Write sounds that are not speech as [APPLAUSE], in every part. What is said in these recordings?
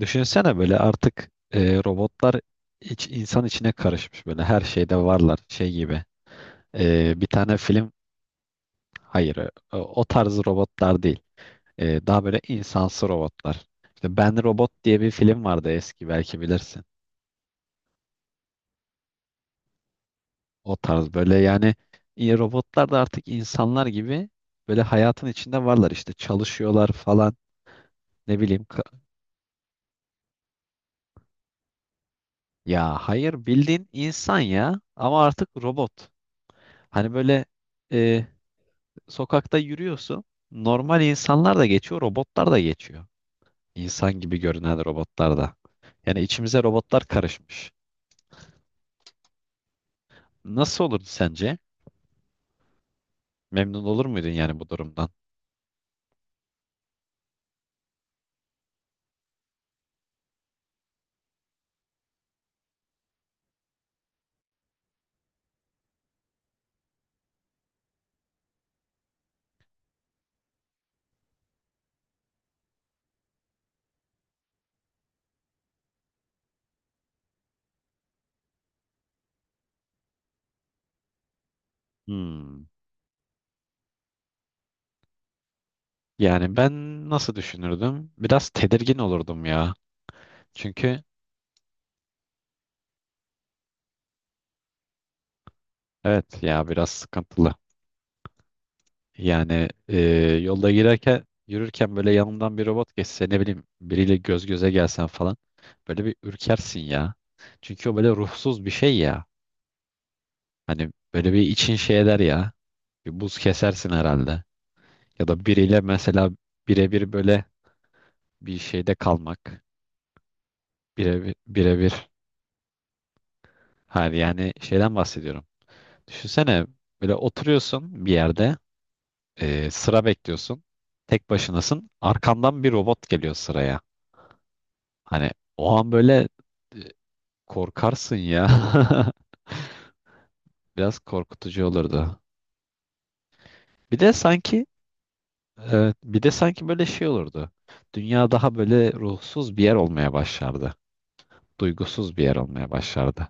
Düşünsene böyle artık robotlar insan içine karışmış böyle her şeyde varlar şey gibi. Bir tane film hayır o tarz robotlar değil. E, daha böyle insansı robotlar. İşte Ben Robot diye bir film vardı, eski, belki bilirsin. O tarz böyle yani robotlar da artık insanlar gibi böyle hayatın içinde varlar, işte çalışıyorlar falan. Ne bileyim. Ya hayır, bildiğin insan ya, ama artık robot. Hani böyle sokakta yürüyorsun. Normal insanlar da geçiyor, robotlar da geçiyor. İnsan gibi görünen robotlar da. Yani içimize robotlar karışmış. Nasıl olurdu sence? Memnun olur muydun yani bu durumdan? Hmm. Yani ben nasıl düşünürdüm? Biraz tedirgin olurdum ya. Çünkü evet ya, biraz sıkıntılı. Yani yolda girerken, yürürken, böyle yanımdan bir robot geçse, ne bileyim, biriyle göz göze gelsen falan, böyle bir ürkersin ya. Çünkü o böyle ruhsuz bir şey ya. Hani böyle bir için şey eder ya. Bir buz kesersin herhalde. Ya da biriyle mesela birebir böyle bir şeyde kalmak. Birebir, birebir. Hayır, yani şeyden bahsediyorum. Düşünsene, böyle oturuyorsun bir yerde, sıra bekliyorsun. Tek başınasın. Arkandan bir robot geliyor sıraya. Hani o an böyle e, korkarsın ya. [LAUGHS] Biraz korkutucu olurdu. Bir de sanki böyle şey olurdu. Dünya daha böyle ruhsuz bir yer olmaya başlardı. Duygusuz bir yer olmaya başlardı.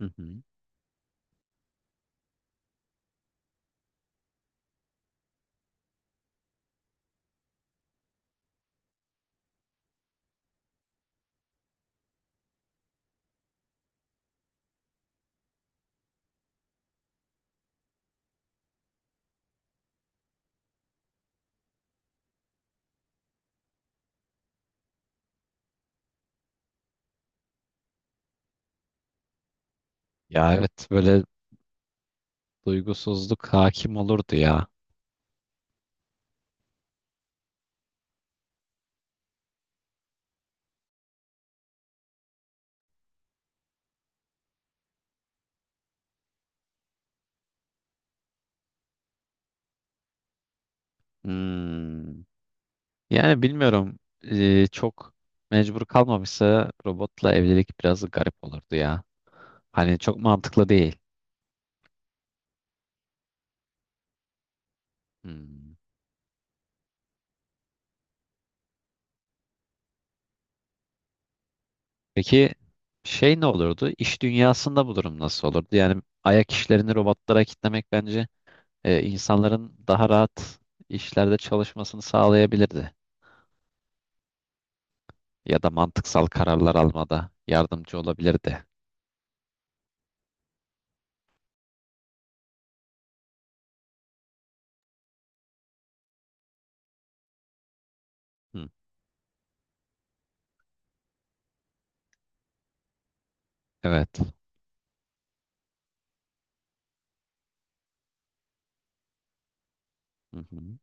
Hı hı. Ya evet, böyle duygusuzluk hakim olurdu ya. Hmm. Yani bilmiyorum. Çok mecbur kalmamışsa robotla evlilik biraz garip olurdu ya. Hani çok mantıklı değil. Hmm. Peki şey ne olurdu? İş dünyasında bu durum nasıl olurdu? Yani ayak işlerini robotlara kitlemek bence insanların daha rahat işlerde çalışmasını sağlayabilirdi. Ya da mantıksal kararlar almada yardımcı olabilirdi. Hı. Evet. Hı hı.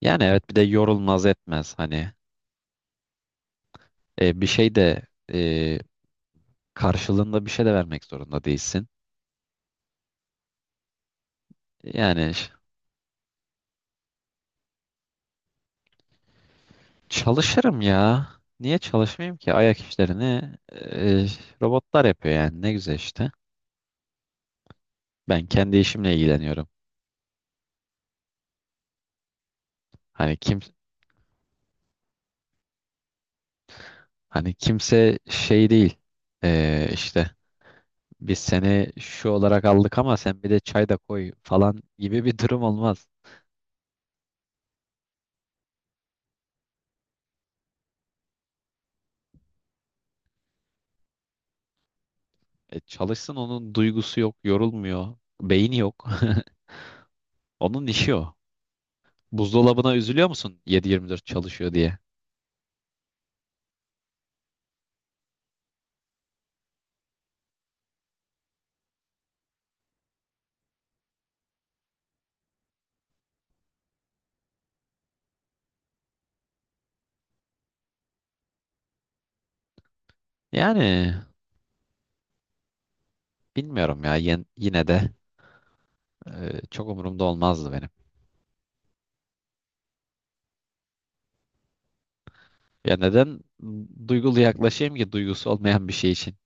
Yani evet, bir de yorulmaz etmez, hani e, bir şey de e, karşılığında bir şey de vermek zorunda değilsin. Yani ş- Çalışırım ya. Niye çalışmayayım ki? Ayak işlerini e, robotlar yapıyor, yani ne güzel işte. Ben kendi işimle ilgileniyorum. Hani kim hani kimse şey değil. E, işte biz seni şu olarak aldık ama sen bir de çay da koy falan gibi bir durum olmaz. E, çalışsın, onun duygusu yok, yorulmuyor, beyni yok. [LAUGHS] Onun işi o. Buzdolabına üzülüyor musun 7-24 çalışıyor diye? Yani bilmiyorum ya, yine de çok umurumda olmazdı benim. Ya neden duygulu yaklaşayım ki duygusu olmayan bir şey için?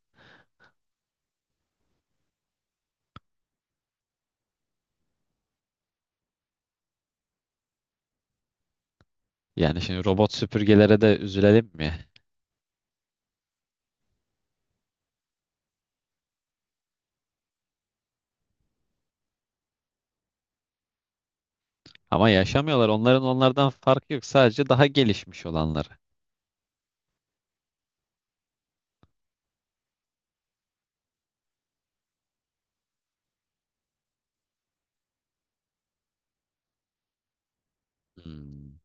Yani şimdi robot süpürgelere de üzülelim mi? Ama yaşamıyorlar. Onların onlardan farkı yok. Sadece daha gelişmiş olanları. Hmm,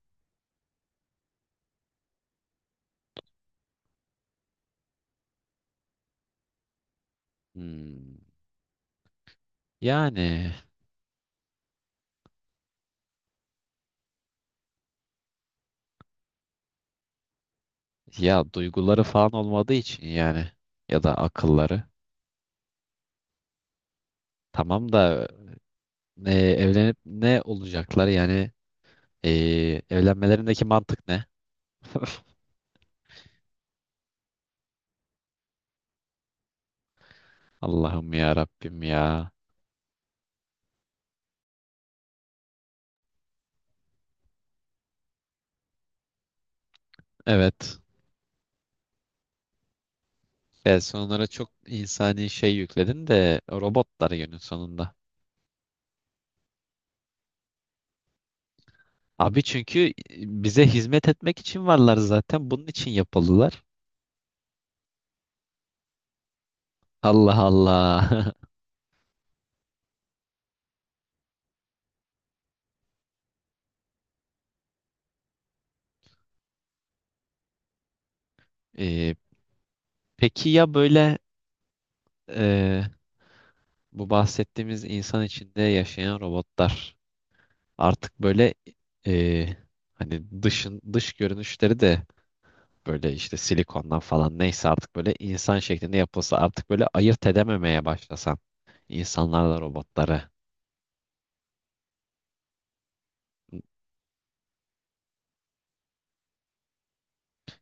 hmm. Yani ya duyguları falan olmadığı için yani, ya da akılları. Tamam da evlenip ne olacaklar yani? Evlenmelerindeki mantık ne? [LAUGHS] Allah'ım ya Rabbim ya. Evet. Personlara çok insani şey yükledin de, robotlar günün sonunda. Abi, çünkü bize hizmet etmek için varlar zaten. Bunun için yapıldılar. Allah Allah. [LAUGHS] Ee, peki ya böyle e, bu bahsettiğimiz insan içinde yaşayan robotlar artık böyle, e, hani dış görünüşleri de böyle işte silikondan falan, neyse, artık böyle insan şeklinde yapılsa, artık böyle ayırt edememeye başlasan insanlarla robotları.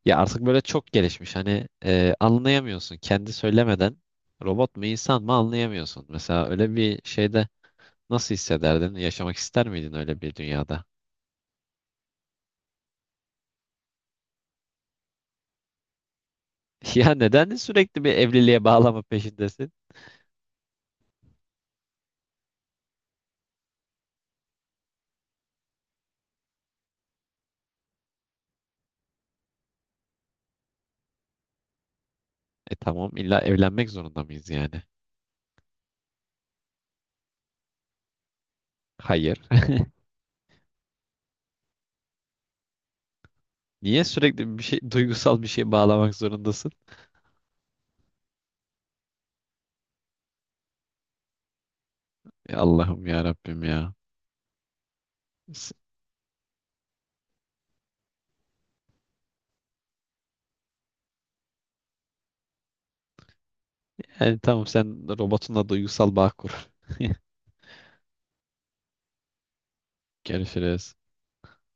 Ya artık böyle çok gelişmiş, hani anlayamıyorsun, kendi söylemeden robot mu insan mı anlayamıyorsun. Mesela öyle bir şeyde nasıl hissederdin? Yaşamak ister miydin öyle bir dünyada? [LAUGHS] Ya neden sürekli bir evliliğe bağlama peşindesin? E tamam, illa evlenmek zorunda mıyız yani? Hayır. [LAUGHS] Niye sürekli bir şey, duygusal bir şeye bağlamak zorundasın? Ya Allah'ım ya Rabbim ya. S- Yani tamam, sen robotunla duygusal bağ kur. [LAUGHS] Görüşürüz.